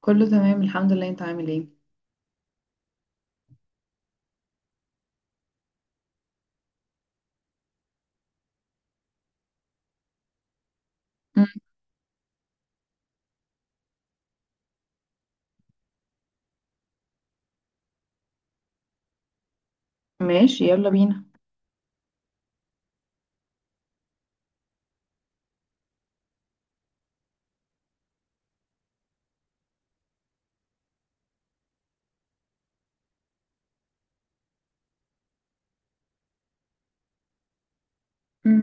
كله تمام، الحمد لله. انت عامل ايه؟ مم. ماشي، يلا بينا. مم.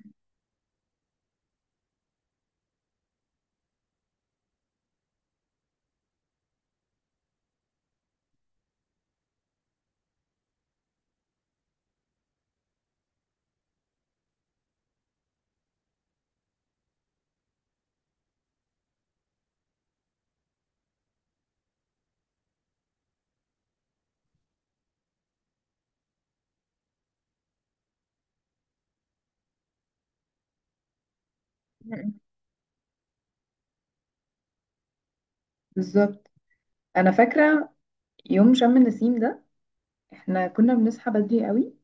مم. بالظبط. انا فاكره يوم شم النسيم ده، احنا كنا بنصحى بدري قوي،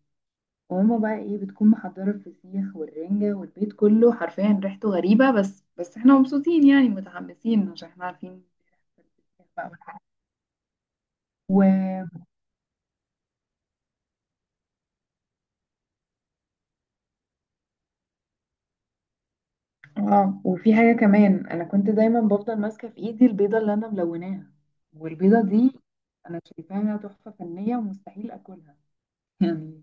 وماما بقى ايه بتكون محضره الفسيخ والرنجه، والبيت كله حرفيا ريحته غريبه، بس احنا مبسوطين، يعني متحمسين عشان احنا عارفين الفسيخ بقى والحاجات. و اه وفي حاجه كمان، انا كنت دايما بفضل ماسكه في ايدي البيضه اللي انا ملوناها، والبيضه دي انا شايفاها تحفه فنيه ومستحيل اكلها، يعني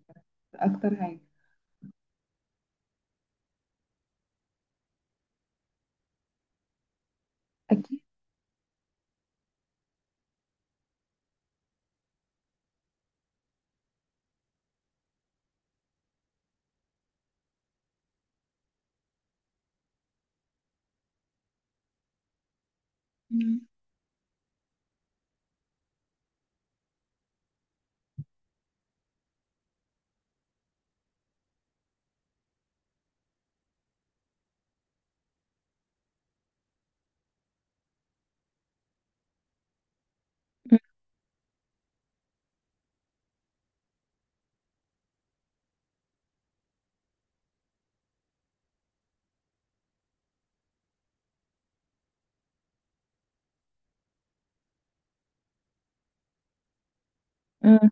اكتر حاجة. اكيد. مم. مم.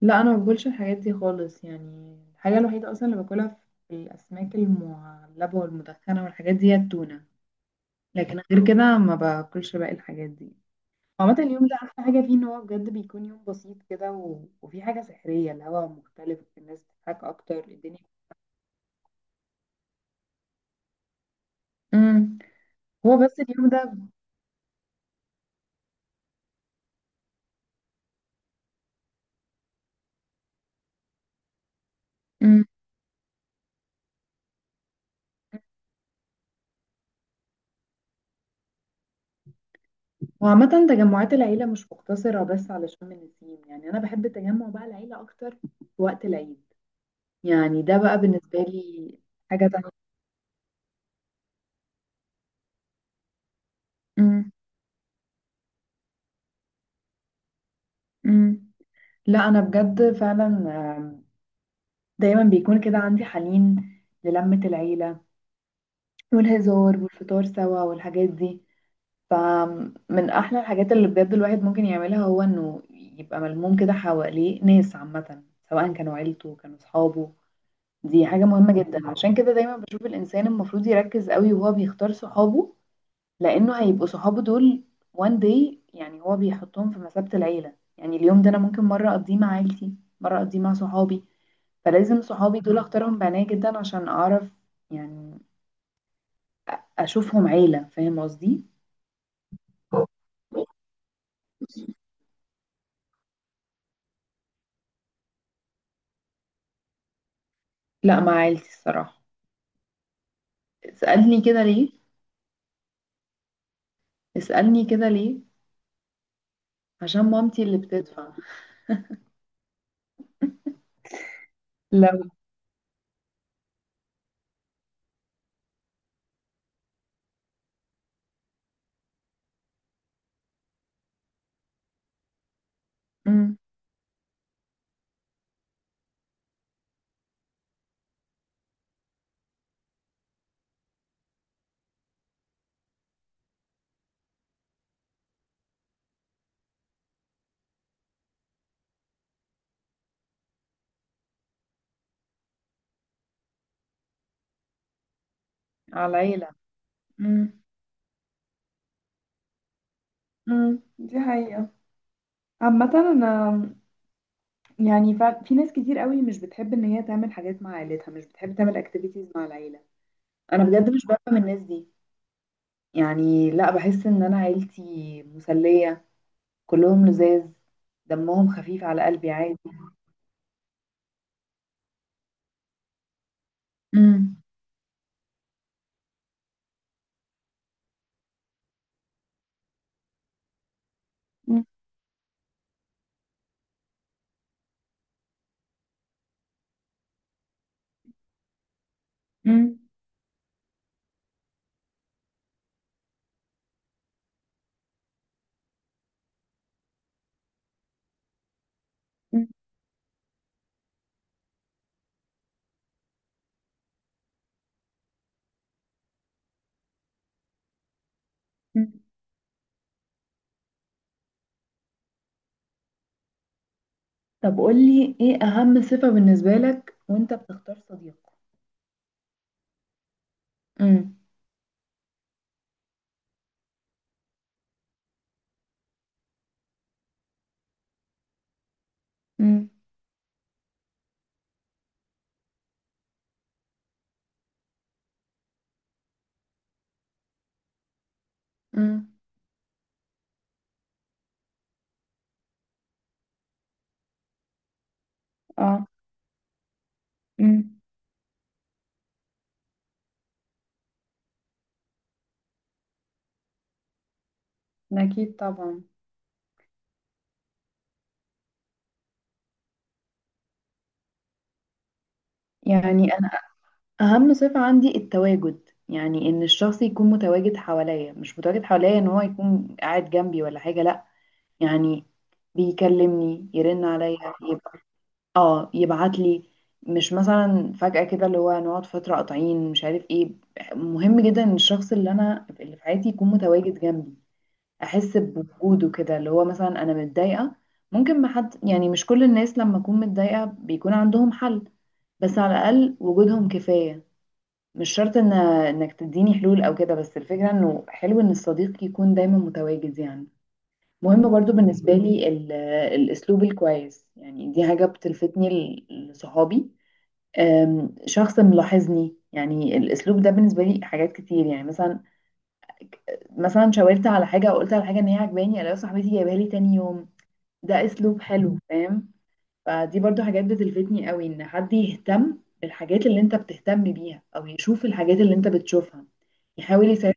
لا، انا ما باكلش الحاجات دي خالص، يعني الحاجه الوحيده اصلا اللي باكلها في الاسماك المعلبه والمدخنه والحاجات دي هي التونه. لكن غير كده ما باكلش باقي الحاجات دي. عامه، اليوم ده احلى حاجه فيه ان هو بجد بيكون يوم بسيط كده، و... وفي حاجه سحريه، الهواء مختلف، الناس بتضحك اكتر، الدنيا. مم. هو بس اليوم ده. مم. وعامة تجمعات العيلة مش مقتصرة بس على شم النسيم، يعني أنا بحب تجمع بقى العيلة أكتر في وقت العيد، يعني ده بقى بالنسبة لي حاجة تانية. أمم، أمم. لا، أنا بجد فعلا. آم، دايما بيكون كده عندي حنين للمة العيلة والهزار والفطار سوا والحاجات دي، فمن أحلى الحاجات اللي بجد الواحد ممكن يعملها هو إنه يبقى ملموم كده حواليه ناس، عامة سواء كانوا عيلته كانوا صحابه. دي حاجة مهمة جدا، عشان كده دايما بشوف الإنسان المفروض يركز قوي وهو بيختار صحابه، لأنه هيبقوا صحابه دول one day، يعني هو بيحطهم في مثابة العيلة. يعني اليوم ده أنا ممكن مرة أقضيه مع عيلتي، مرة أقضيه مع صحابي، فلازم صحابي دول أختارهم بعناية جدا عشان أعرف، يعني أشوفهم عيلة. فاهم قصدي؟ لا، مع عيلتي الصراحة. اسألني كده ليه؟ اسألني كده ليه؟ عشان مامتي اللي بتدفع. لو. مم. على العيلة. مم. مم. دي حقيقة. عامة أنا يعني في ناس كتير قوي مش بتحب ان هي تعمل حاجات مع عيلتها، مش بتحب تعمل اكتيفيتيز مع العيله. انا بجد مش بفهم الناس دي، يعني لا، بحس ان انا عيلتي مسليه، كلهم لذاذ، دمهم خفيف على قلبي عادي. امم امم طب قولي ايه اهم صفه بالنسبه لك وانت بتختار صديق؟ امم امم اه امم اكيد طبعا. يعني اهم صفة عندي التواجد، يعني ان الشخص يكون متواجد حواليا، مش متواجد حواليا ان هو يكون قاعد جنبي ولا حاجة، لا يعني بيكلمني يرن عليا يبقى، اه يبعت لي، مش مثلا فجأة كده اللي هو نقعد فترة قاطعين مش عارف ايه. مهم جدا ان الشخص اللي في حياتي يكون متواجد جنبي، احس بوجوده كده، اللي هو مثلا انا متضايقة، ممكن ما حد، يعني مش كل الناس لما اكون متضايقة بيكون عندهم حل، بس على الاقل وجودهم كفاية. مش شرط ان انك تديني حلول او كده، بس الفكره انه حلو ان الصديق يكون دايما متواجد يعني. مهم برضو بالنسبه لي الاسلوب الكويس، يعني دي حاجه بتلفتني لصحابي. شخص ملاحظني، يعني الاسلوب ده بالنسبه لي حاجات كتير، يعني مثلا شاورت على حاجه او قلت على حاجه ان هي عجباني، الاقي صاحبتي جايبها لي تاني يوم، ده اسلوب حلو، فاهم؟ فدي برضو حاجات بتلفتني قوي، ان حد يهتم بالحاجات اللي انت بتهتم بيها او يشوف الحاجات اللي انت بتشوفها يحاول يساعد.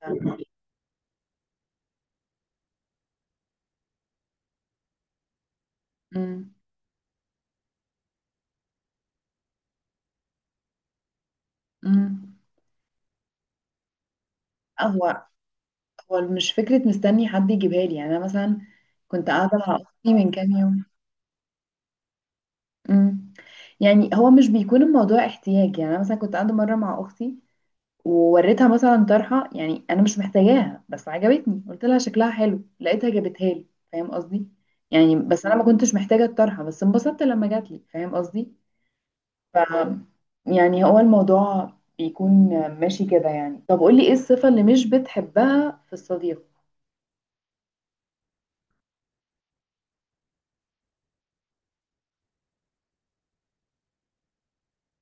فاهمة. مم. مم. آه، هو هو مش فكرة مستني حد يجيبها لي يعني، أنا مثلا كنت قاعدة مع أختي من كام يوم. مم. يعني هو مش بيكون الموضوع احتياج، يعني أنا مثلا كنت قاعدة مرة مع أختي، ووريتها مثلا طرحة، يعني أنا مش محتاجاها بس عجبتني، قلت لها شكلها حلو، لقيتها جابتها لي. فاهم قصدي؟ يعني بس أنا ما كنتش محتاجة الطرحة، بس انبسطت لما جات لي. فاهم قصدي؟ ف يعني هو الموضوع بيكون ماشي كده يعني. طب قولي ايه الصفة اللي مش بتحبها في الصديق؟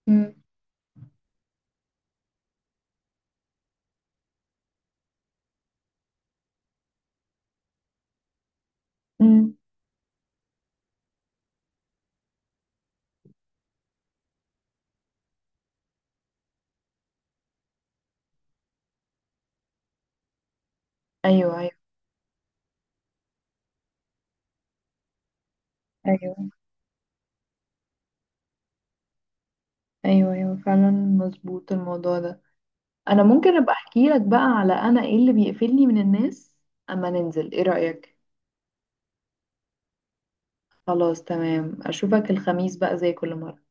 مم. مم. ايوه ايوه ايوه ايوه ايوه، فعلا مظبوط الموضوع ده. انا ممكن ابقى احكي لك بقى على انا ايه اللي بيقفلني من الناس اما ننزل، ايه رأيك؟ خلاص، تمام، اشوفك الخميس بقى زي كل مرة.